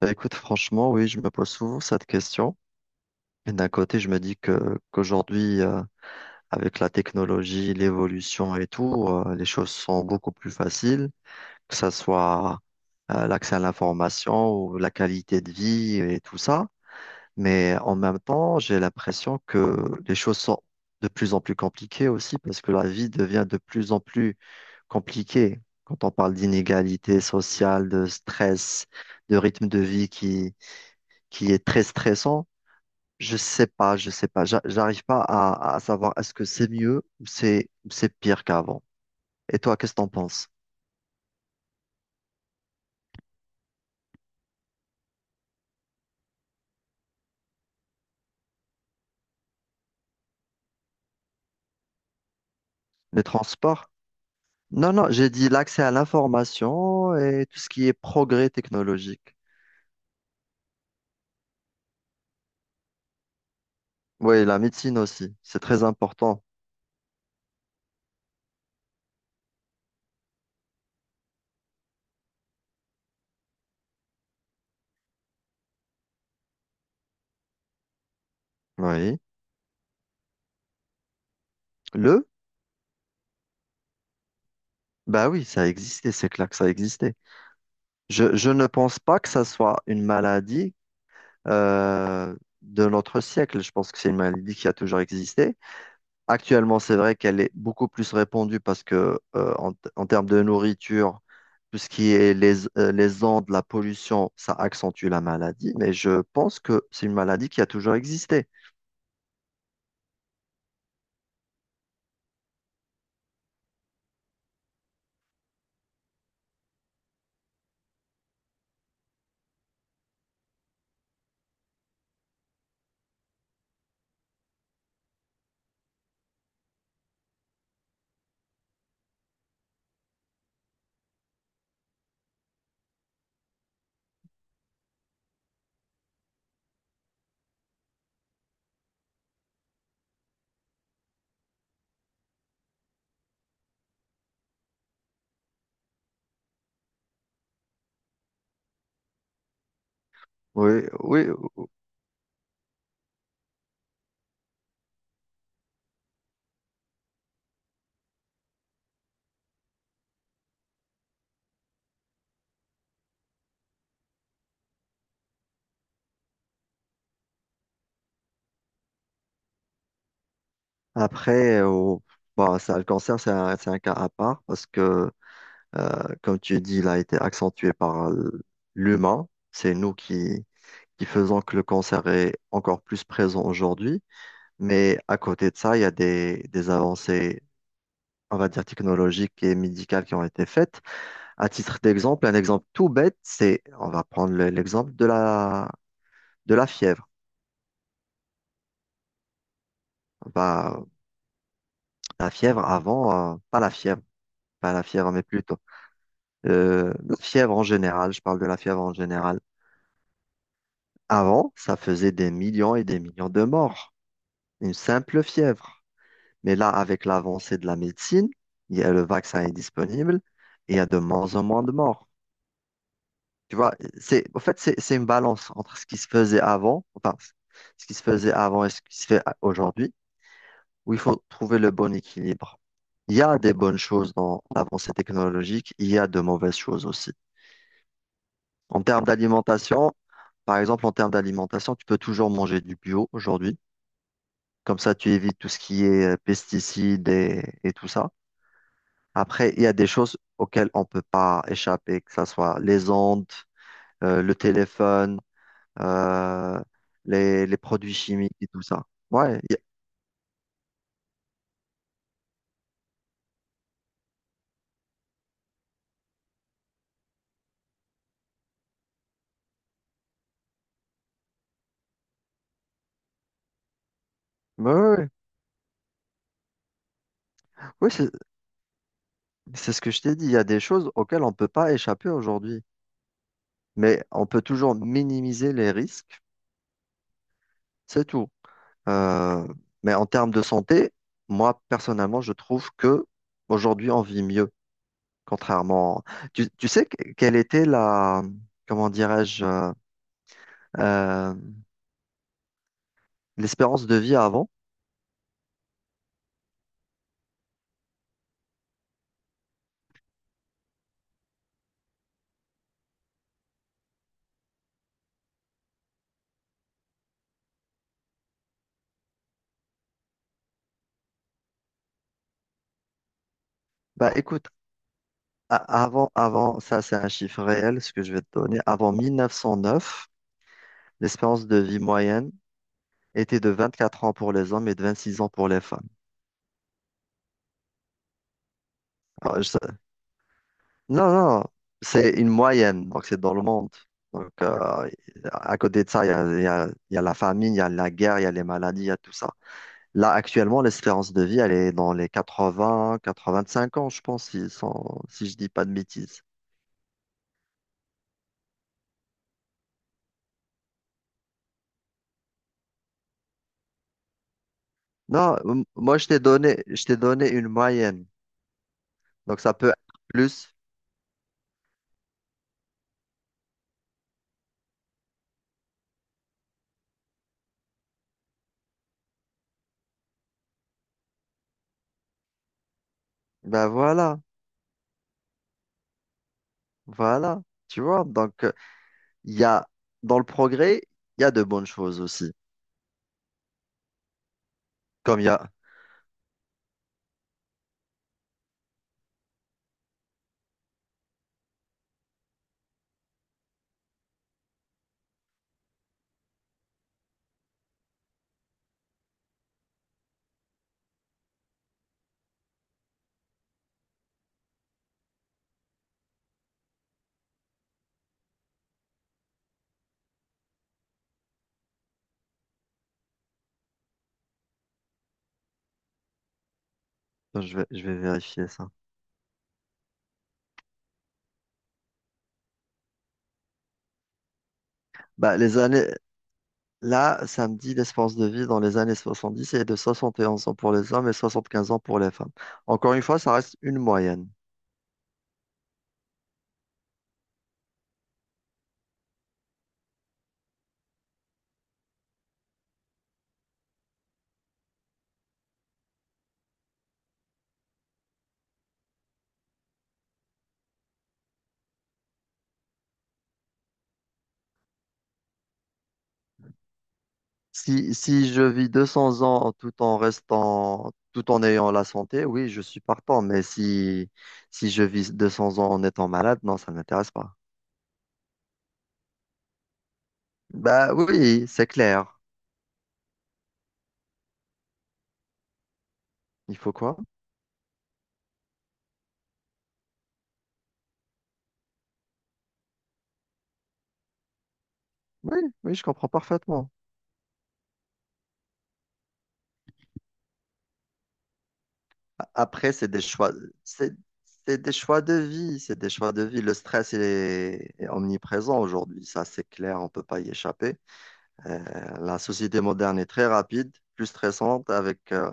Bah, écoute, franchement, oui, je me pose souvent cette question. Et d'un côté, je me dis que qu'aujourd'hui, avec la technologie, l'évolution et tout, les choses sont beaucoup plus faciles, que ça soit l'accès à l'information ou la qualité de vie et tout ça. Mais en même temps, j'ai l'impression que les choses sont de plus en plus compliquées aussi parce que la vie devient de plus en plus compliquée. Quand on parle d'inégalité sociale, de stress, de rythme de vie qui est très stressant, je sais pas, j'arrive pas à savoir est-ce que c'est mieux ou c'est pire qu'avant. Et toi, qu'est-ce que t'en penses? Les transports? Non, non, j'ai dit l'accès à l'information et tout ce qui est progrès technologique. Oui, la médecine aussi, c'est très important. Oui. Le? Bah oui, ça existait, c'est clair que ça existait. Je ne pense pas que ça soit une maladie euh, de notre siècle. Je pense que c'est une maladie qui a toujours existé. Actuellement, c'est vrai qu'elle est beaucoup plus répandue parce que en, en termes de nourriture, tout ce qui est les ondes, la pollution, ça accentue la maladie. Mais je pense que c'est une maladie qui a toujours existé. Oui, oui. Après, oh, bah, ça, le cancer, c'est un cas à part parce que, comme tu dis, il a été accentué par l'humain. C'est nous qui, qui faisons que le cancer est encore plus présent aujourd'hui. Mais à côté de ça, il y a des avancées, on va dire, technologiques et médicales qui ont été faites. À titre d'exemple, un exemple tout bête, c'est, on va prendre l'exemple de la fièvre. Bah, la fièvre avant, pas la fièvre, pas la fièvre, mais plutôt la fièvre en général, je parle de la fièvre en général. Avant, ça faisait des millions et des millions de morts, une simple fièvre. Mais là, avec l'avancée de la médecine, le vaccin est disponible et il y a de moins en moins de morts. Tu vois, en fait, c'est une balance entre ce qui se faisait avant, enfin, ce qui se faisait avant et ce qui se fait aujourd'hui, où il faut trouver le bon équilibre. Il y a des bonnes choses dans l'avancée technologique, il y a de mauvaises choses aussi. En termes d'alimentation, par exemple, en termes d'alimentation, tu peux toujours manger du bio aujourd'hui. Comme ça, tu évites tout ce qui est pesticides et tout ça. Après, il y a des choses auxquelles on ne peut pas échapper, que ce soit les ondes, le téléphone euh, les produits chimiques et tout ça. Ouais, y ouais, ouais, ouais. Oui, c'est ce que je t'ai dit. Il y a des choses auxquelles on ne peut pas échapper aujourd'hui, mais on peut toujours minimiser les risques, c'est tout. Euh, mais en termes de santé, moi, personnellement, je trouve que aujourd'hui, on vit mieux, contrairement. Tu sais quelle était la, comment dirais-je, euh, l'espérance de vie avant? Bah, écoute, a- avant, avant, ça c'est un chiffre réel, ce que je vais te donner. Avant 1909, l'espérance de vie moyenne était de 24 ans pour les hommes et de 26 ans pour les femmes. Alors, je sais- Non, non, c'est une moyenne, donc c'est dans le monde. Donc, à côté de ça, il y a la famine, il y a la guerre, il y a les maladies, il y a tout ça. Là, actuellement, l'espérance de vie, elle est dans les 80, 85 ans, je pense, si, si je dis pas de bêtises. Non, moi, je t'ai donné une moyenne. Donc, ça peut être plus. Ben voilà, voilà, tu vois, donc il y a dans le progrès, il y a de bonnes choses aussi. Comme il y a, attends, je vais vérifier ça. Bah, là, ça me dit l'espérance de vie dans les années 70 est de 71 ans pour les hommes et 75 ans pour les femmes. Encore une fois, ça reste une moyenne. Si, si je vis 200 ans tout en restant, tout en ayant la santé, oui, je suis partant, mais si je vis 200 ans en étant malade, non, ça ne m'intéresse pas. Bah oui, c'est clair. Il faut quoi? Oui, oui, je comprends parfaitement. Après, c'est, c'est des choix de vie, c'est des choix de vie. Le stress il est omniprésent aujourd'hui, ça c'est clair, on peut pas y échapper. Euh, la société moderne est très rapide, plus stressante, avec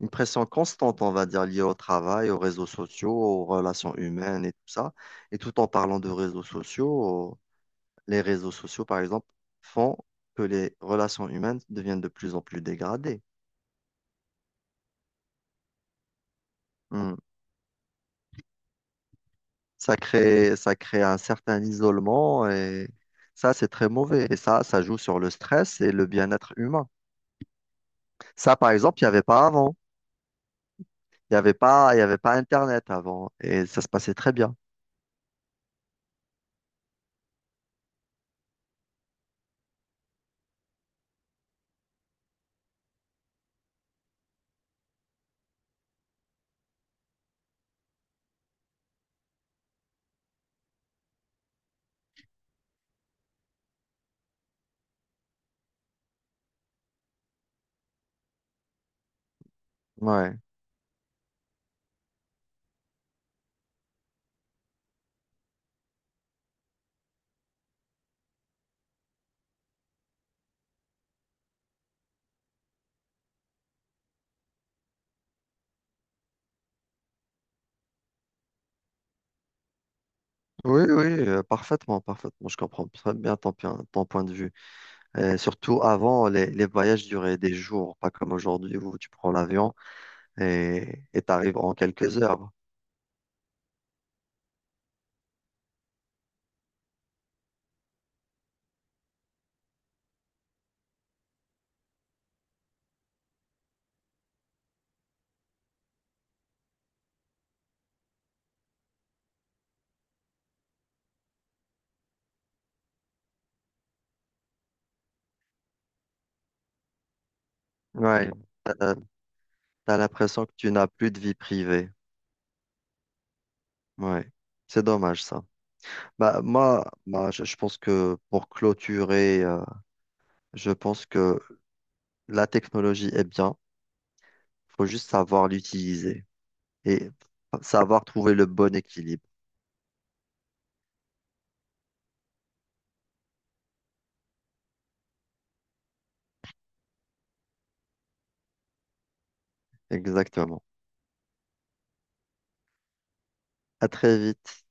une pression constante, on va dire, liée au travail, aux réseaux sociaux, aux relations humaines et tout ça. Et tout en parlant de réseaux sociaux, les réseaux sociaux, par exemple, font que les relations humaines deviennent de plus en plus dégradées. Ça crée un certain isolement et ça, c'est très mauvais. Et ça joue sur le stress et le bien-être humain. Ça, par exemple, il n'y avait pas avant. Il n'y avait pas, il y avait pas Internet avant et ça se passait très bien. Ouais. Oui, oui, parfaitement, parfaitement. Je comprends très bien ton, ton point de vue. Et surtout, avant, les voyages duraient des jours, pas comme aujourd'hui où tu prends l'avion et tu arrives en quelques heures. Ouais, t'as, t'as l'impression que tu n'as plus de vie privée. Ouais, c'est dommage ça. Bah, moi, bah, je pense que pour clôturer, je pense que la technologie est bien. Faut juste savoir l'utiliser et savoir trouver le bon équilibre. Exactement. À très vite.